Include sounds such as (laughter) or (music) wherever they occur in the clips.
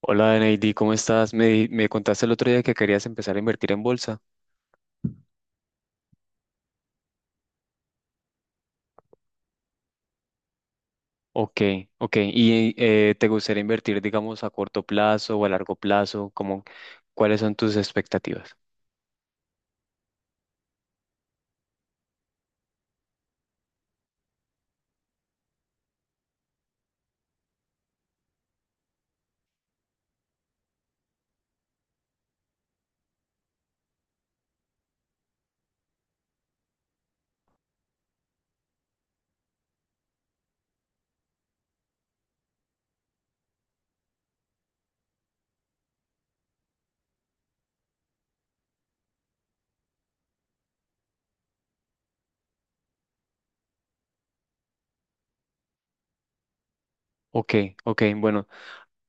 Hola, Neidi, ¿cómo estás? Me contaste el otro día que querías empezar a invertir en bolsa. Ok, ok. ¿Y te gustaría invertir, digamos, a corto plazo o a largo plazo? ¿Cómo, cuáles son tus expectativas? Ok, ok. Bueno,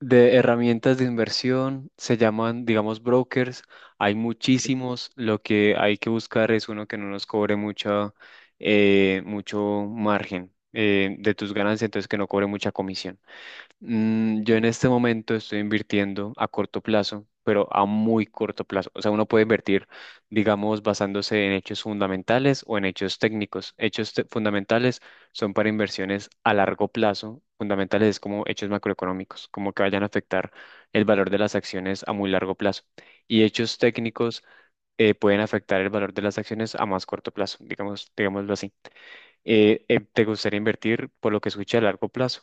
de herramientas de inversión se llaman, digamos, brokers. Hay muchísimos. Lo que hay que buscar es uno que no nos cobre mucho margen de tus ganancias, entonces que no cobre mucha comisión. Yo en este momento estoy invirtiendo a corto plazo, pero a muy corto plazo. O sea, uno puede invertir, digamos, basándose en hechos fundamentales o en hechos técnicos. Fundamentales son para inversiones a largo plazo. Fundamentales es como hechos macroeconómicos, como que vayan a afectar el valor de las acciones a muy largo plazo. Y hechos técnicos pueden afectar el valor de las acciones a más corto plazo, digamos, digámoslo así. ¿Te gustaría invertir por lo que escuché a largo plazo?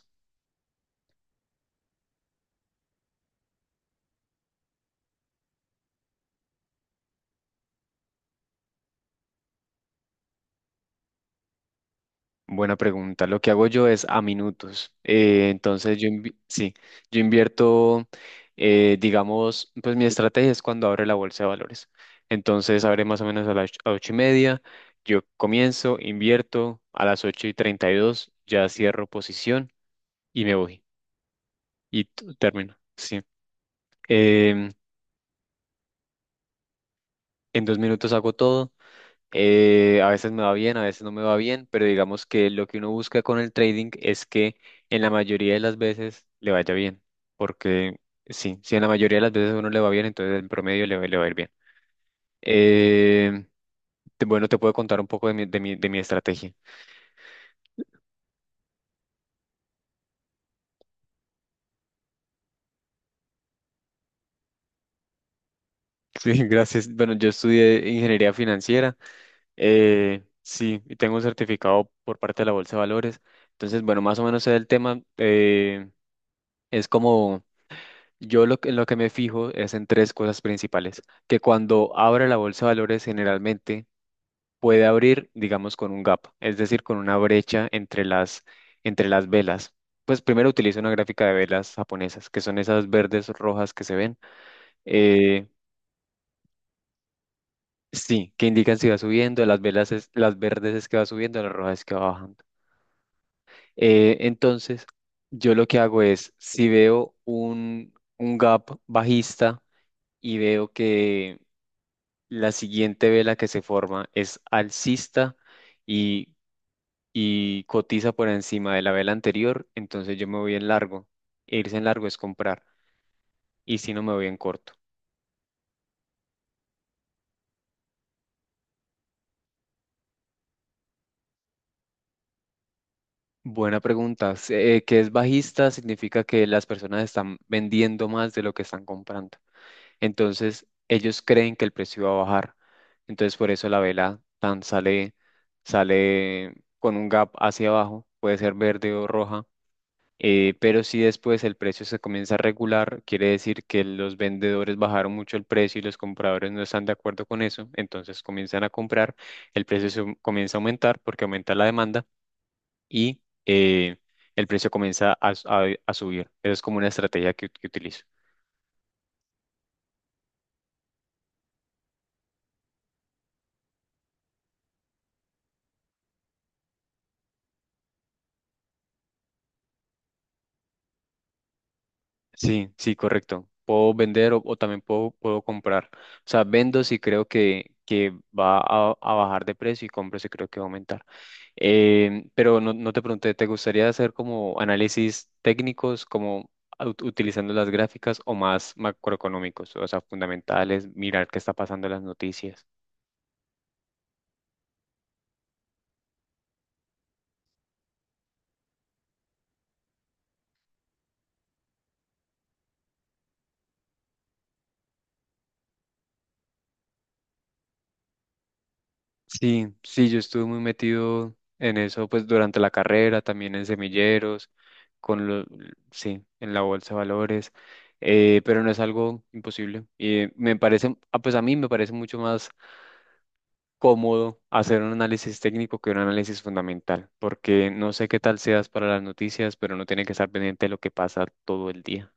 Buena pregunta. Lo que hago yo es a minutos. Entonces sí, yo invierto, digamos, pues mi estrategia es cuando abre la bolsa de valores. Entonces abre más o menos a a 8:30. Yo comienzo, invierto a las 8:32, ya cierro posición y me voy. Y termino. Sí. Em, en 2 minutos hago todo. A veces me va bien, a veces no me va bien, pero digamos que lo que uno busca con el trading es que en la mayoría de las veces le vaya bien, porque sí, si en la mayoría de las veces a uno le va bien, entonces en promedio le va a ir bien. Eh, bueno, te puedo contar un poco de mi estrategia. (laughs) Sí, gracias. Bueno, yo estudié ingeniería financiera, sí, y tengo un certificado por parte de la Bolsa de Valores, entonces, bueno, más o menos sé del tema, es como... en lo que me fijo es en tres cosas principales, que cuando abre la bolsa de valores generalmente puede abrir, digamos, con un gap, es decir, con una brecha entre las velas. Pues primero utilizo una gráfica de velas japonesas, que son esas verdes rojas que se ven. eh, sí, que indican si va subiendo, las verdes es que va subiendo, las rojas es que va bajando. Entonces, yo lo que hago es, si veo un gap bajista y veo que la siguiente vela que se forma es alcista y, y cotiza por encima de la vela anterior, entonces yo me voy en largo. Irse en largo es comprar y si no me voy en corto. Buena pregunta. Que es bajista significa que las personas están vendiendo más de lo que están comprando. Entonces ellos creen que el precio va a bajar. Entonces por eso la vela tan sale, sale con un gap hacia abajo, puede ser verde o roja. Pero si después el precio se comienza a regular, quiere decir que los vendedores bajaron mucho el precio y los compradores no están de acuerdo con eso, entonces comienzan a comprar, el precio se comienza a aumentar porque aumenta la demanda y eh, el precio comienza a subir. Esa es como una estrategia que utilizo. Sí, sí, correcto. Puedo vender o también puedo comprar. O sea, vendo si creo que va a bajar de precio y compro si creo que va a aumentar. Pero no, no te pregunté, ¿te gustaría hacer como análisis técnicos, como utilizando las gráficas o más macroeconómicos, o sea, fundamentales, mirar qué está pasando en las noticias? Sí, sí, yo estuve muy metido en eso, pues durante la carrera, también en semilleros, con lo, sí, en la bolsa de valores, pero no es algo imposible. Y me parece, ah, pues a mí me parece mucho más cómodo hacer un análisis técnico que un análisis fundamental, porque no sé qué tal seas para las noticias, pero no tiene que estar pendiente de lo que pasa todo el día.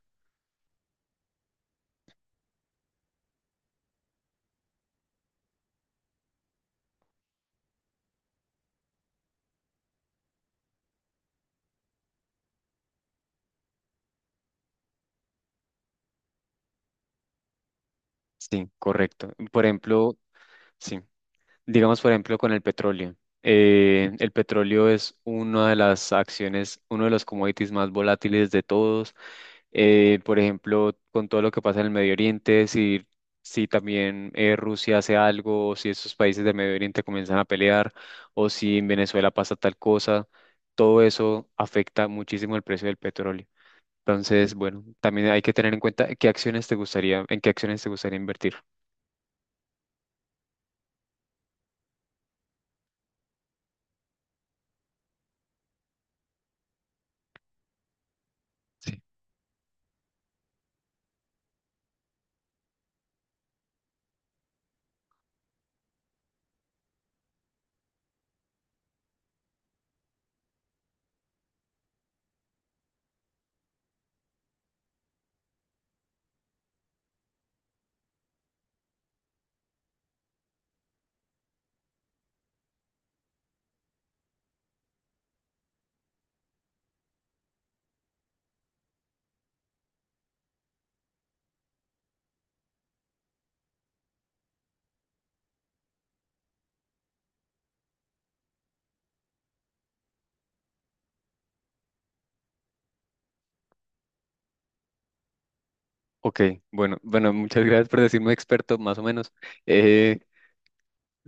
Sí, correcto. Por ejemplo, sí. Digamos, por ejemplo, con el petróleo. El petróleo es una de las acciones, uno de los commodities más volátiles de todos. Por ejemplo, con todo lo que pasa en el Medio Oriente, si, si también Rusia hace algo, o si esos países del Medio Oriente comienzan a pelear, o si en Venezuela pasa tal cosa, todo eso afecta muchísimo el precio del petróleo. Entonces, bueno, también hay que tener en cuenta qué acciones te gustaría, en qué acciones te gustaría invertir. Ok, bueno, bueno, muchas gracias por decirme experto, más o menos. Eh,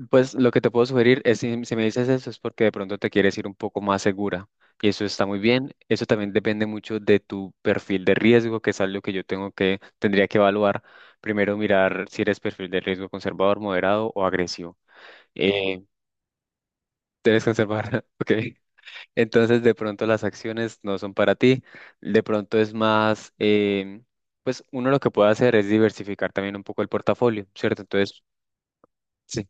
pues lo que te puedo sugerir es si, si me dices eso es porque de pronto te quieres ir un poco más segura y eso está muy bien. Eso también depende mucho de tu perfil de riesgo, que es algo que tendría que evaluar. Primero mirar si eres perfil de riesgo conservador, moderado o agresivo. Eh, ¿Eres conservador? (laughs) Ok. Entonces, de pronto las acciones no son para ti. De pronto es más, pues uno lo que puede hacer es diversificar también un poco el portafolio, ¿cierto? Entonces, sí,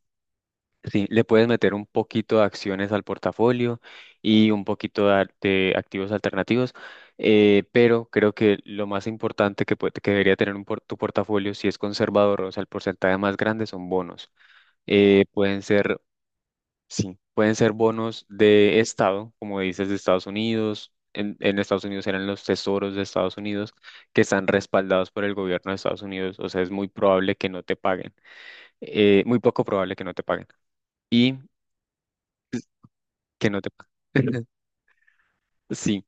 sí, le puedes meter un poquito de acciones al portafolio y un poquito de activos alternativos, pero creo que lo más importante que debería tener tu portafolio, si es conservador, o sea, el porcentaje más grande son bonos. Pueden ser Sí, pueden ser bonos de estado, como dices, de Estados Unidos. En Estados Unidos eran los tesoros de Estados Unidos que están respaldados por el gobierno de Estados Unidos. O sea, es muy probable que no te paguen. Muy poco probable que no te paguen. Y que no te paguen. (laughs) Sí.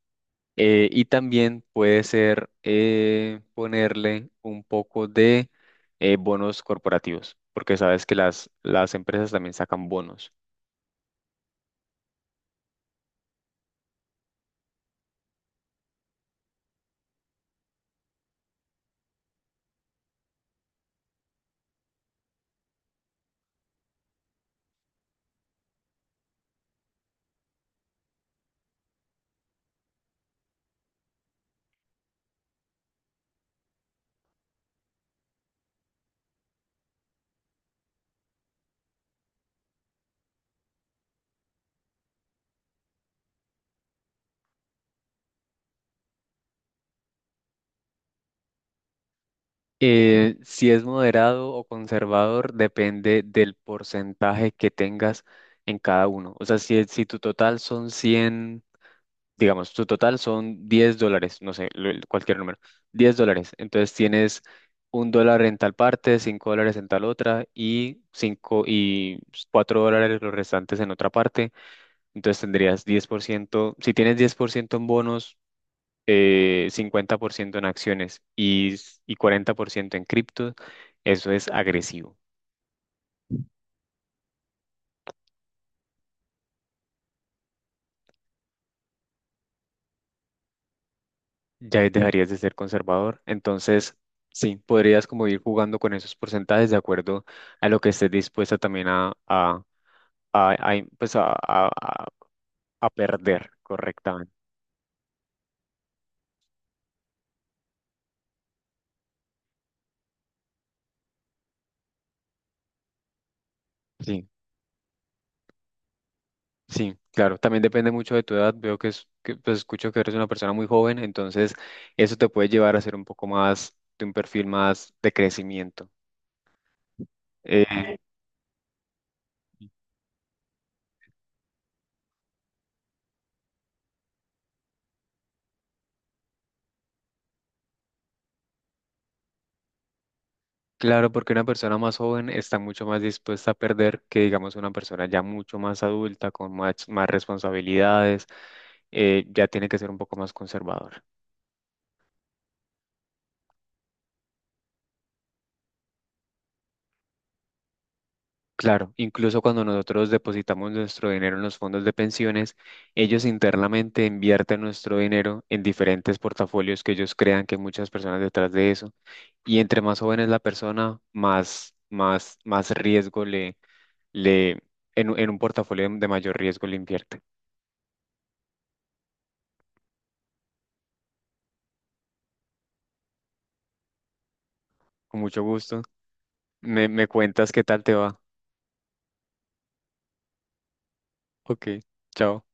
y también puede ser ponerle un poco de bonos corporativos, porque sabes que las empresas también sacan bonos. Si es moderado o conservador, depende del porcentaje que tengas en cada uno. O sea, si, si tu total son 100, digamos, tu total son $10, no sé, cualquier número, $10. Entonces tienes $1 en tal parte, $5 en tal otra y, cinco y $4 los restantes en otra parte. Entonces tendrías 10%. Si tienes 10% en bonos, 50% en acciones y 40% en cripto, eso es agresivo. Ya ahí dejarías de ser conservador. Entonces, sí, podrías como ir jugando con esos porcentajes de acuerdo a lo que estés dispuesta también pues a perder correctamente. Sí, sí, claro. También depende mucho de tu edad. Veo que pues, escucho que eres una persona muy joven, entonces eso te puede llevar a ser un poco más de un perfil más de crecimiento. Eh, Claro, porque una persona más joven está mucho más dispuesta a perder que, digamos, una persona ya mucho más adulta, con más, más responsabilidades, ya tiene que ser un poco más conservador. Claro, incluso cuando nosotros depositamos nuestro dinero en los fondos de pensiones, ellos internamente invierten nuestro dinero en diferentes portafolios que ellos crean que hay muchas personas detrás de eso. Y entre más joven es la persona, más, más, más riesgo le, le, en un portafolio de mayor riesgo le invierte. Con mucho gusto. Me cuentas qué tal te va. Ok, chao.